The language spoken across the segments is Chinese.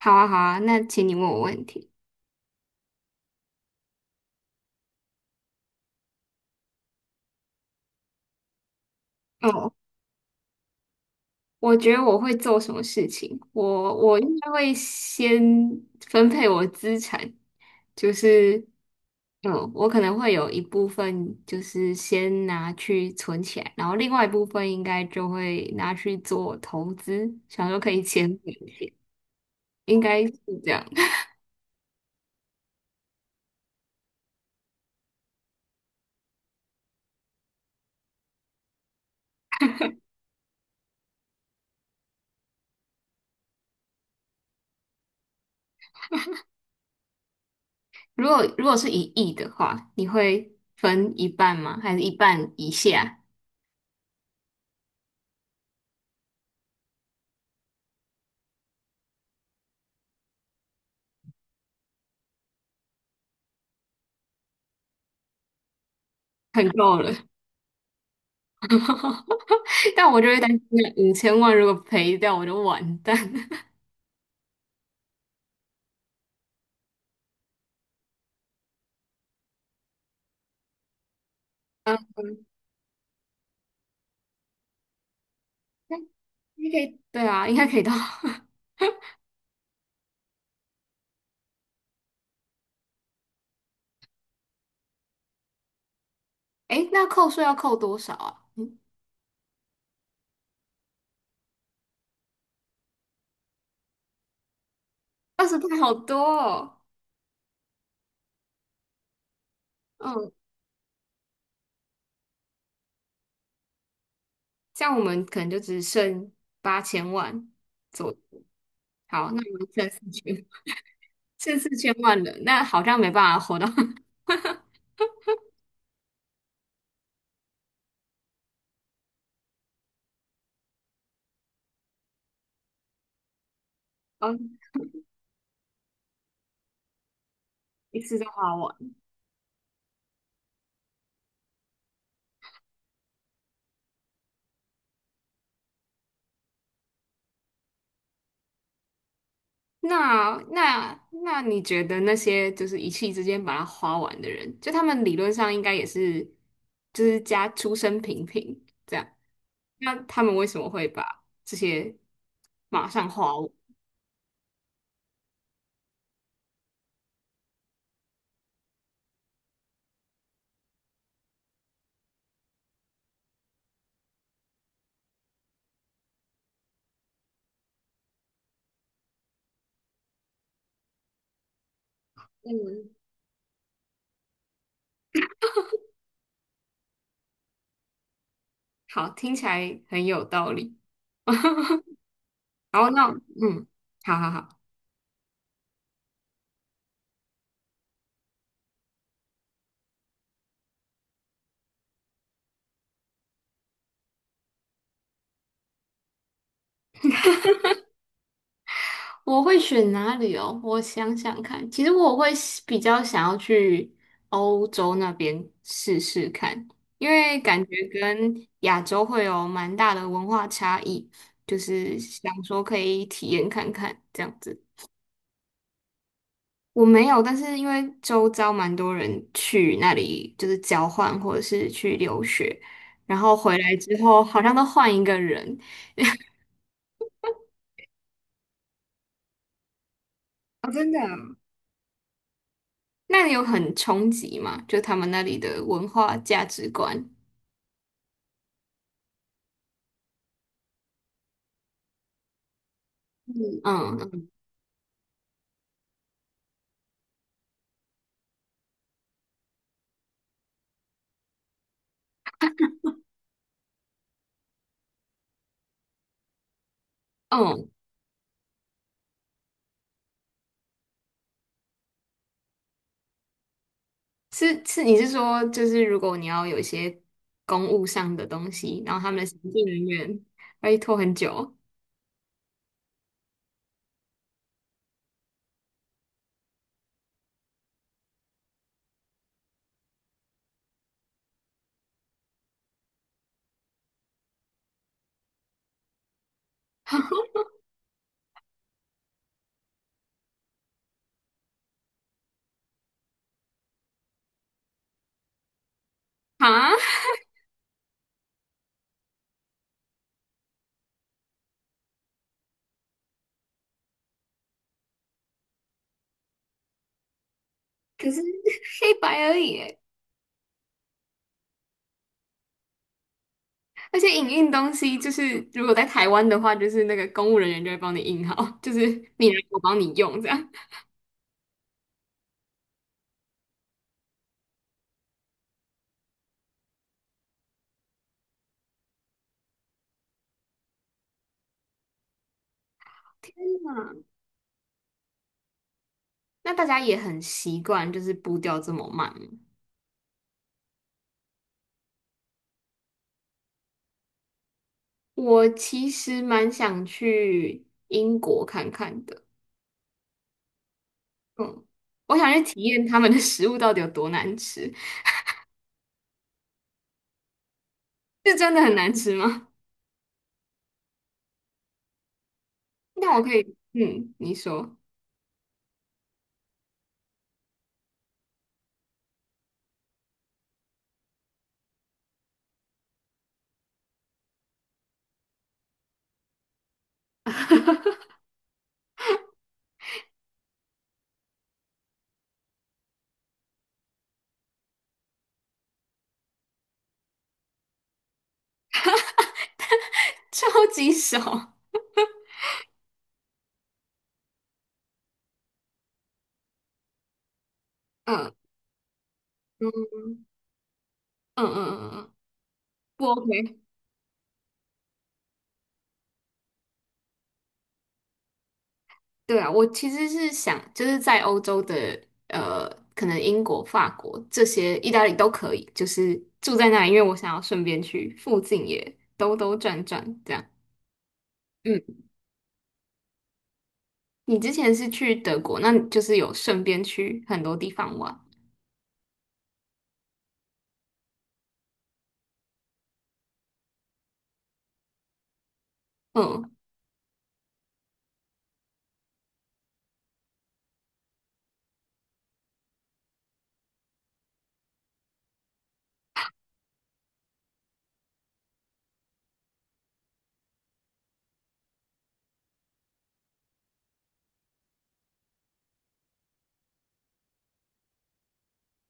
好啊，好啊，那请你问我问题。哦，我觉得我会做什么事情？我应该会先分配我资产，就是，嗯，我可能会有一部分就是先拿去存起来，然后另外一部分应该就会拿去做投资，想说可以钱滚钱，应该是这样。如果是1亿的话，你会分一半吗？还是一半以下？很够了。但我就会担心5000万如果赔掉我就完蛋。嗯，应该可以，对啊，应该可以到。哎那扣税要扣多少啊？嗯，二十倍好多哦。嗯，这样我们可能就只剩8000万左右。好，那我们剩四千，剩4000万了，那好像没办法活到，嗯，一次就花完。那你觉得那些就是一气之间把它花完的人，就他们理论上应该也是，就是家出身平平这样，那他们为什么会把这些马上花完？嗯，好，听起来很有道理。然后那嗯，好好好。我会选哪里哦？我想想看，其实我会喜比较想要去欧洲那边试试看，因为感觉跟亚洲会有蛮大的文化差异，就是想说可以体验看看这样子。我没有，但是因为周遭蛮多人去那里就是交换或者是去留学，然后回来之后好像都换一个人。哦，真的啊那里有很冲击吗？就他们那里的文化价值观。嗯嗯，嗯是是，你是说就是如果你要有一些公务上的东西，然后他们的行政人员会拖很久啊？可是 黑白而已耶而且影印东西就是如果在台湾的话，就是那个公务人员就会帮你印好，就是你来我帮你用这样。嗯，那大家也很习惯就是步调这么慢吗我其实蛮想去英国看看的，嗯，我想去体验他们的食物到底有多难吃。是真的很难吃吗？那我可以，嗯，你说，超级少，嗯嗯嗯嗯嗯，嗯嗯不 OK。对啊，我其实是想，就是在欧洲的，呃，可能英国、法国这些，意大利都可以，就是住在那里，因为我想要顺便去附近也兜兜转转这样。嗯，你之前是去德国，那你就是有顺便去很多地方玩。嗯，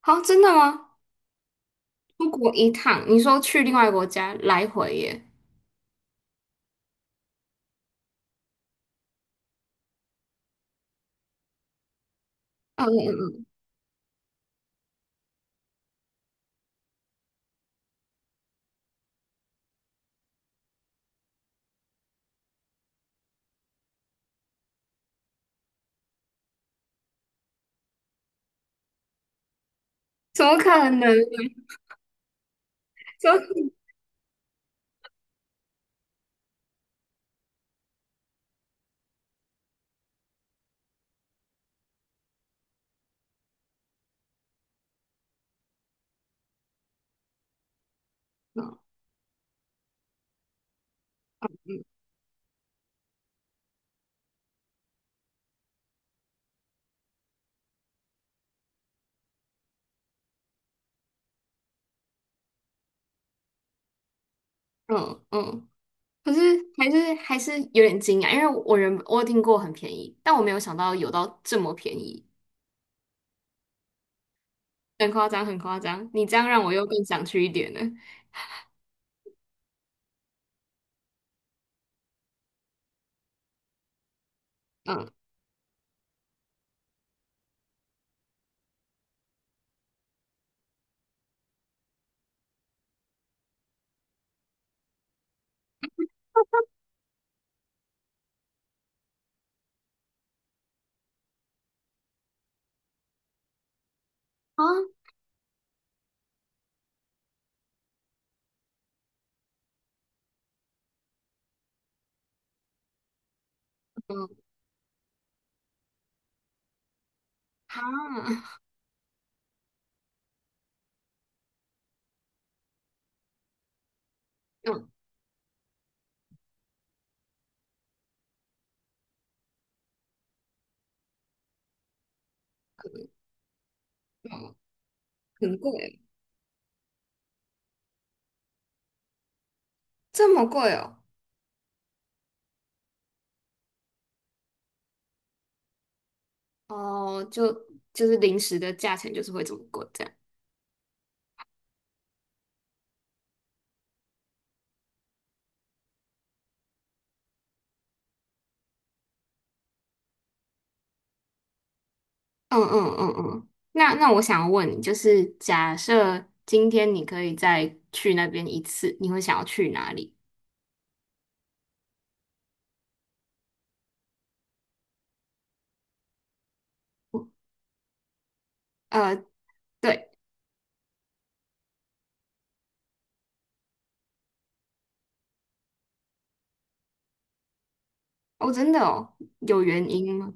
好，真的吗？出国一趟，你说去另外一个国家来回耶？嗯嗯嗯怎么可能？怎么可嗯嗯嗯，可是还是有点惊讶，因为我有听过很便宜，但我没有想到有到这么便宜，很夸张，很夸张。你这样让我又更想去一点了。嗯啊嗯啊嗯嗯，很贵，这么贵哦哦，就是零食的价钱就是会这么贵这样。嗯嗯嗯嗯，那那我想要问你，就是假设今天你可以再去那边一次，你会想要去哪里？呃，对，哦，真的哦，有原因吗？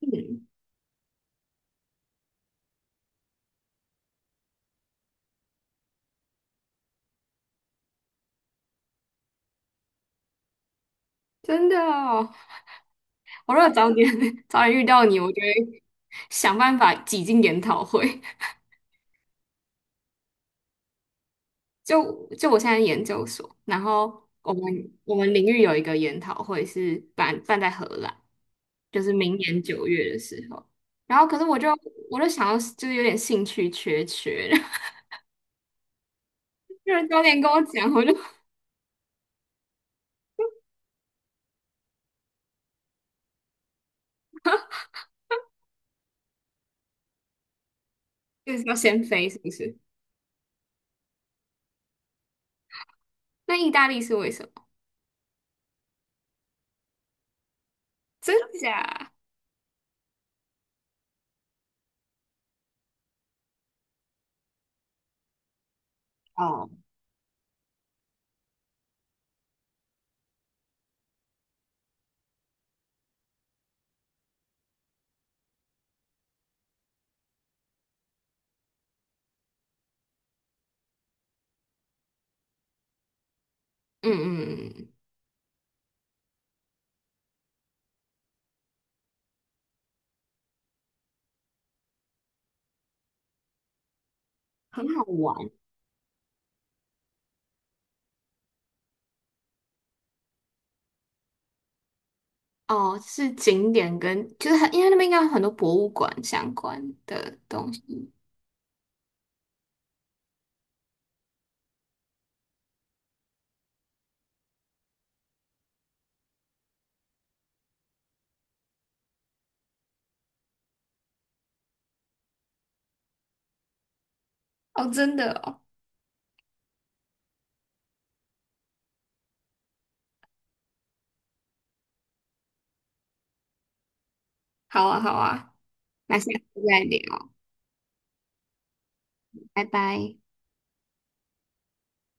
嗯，真的哦，我如果早点 早点遇到你，我就会想办法挤进研讨会。就我现在研究所，然后我们领域有一个研讨会是办在荷兰，就是明年9月的时候。然后可是我就想要就是有点兴趣缺缺，就是早点跟我讲，我就就是要先飞，是不是？那意大利是为什么？真假？哦，嗯嗯，嗯很好玩。哦，是景点跟就是很，因为那边应该有很多博物馆相关的东西。哦，真的哦，好啊，好啊，那下次再聊，拜拜。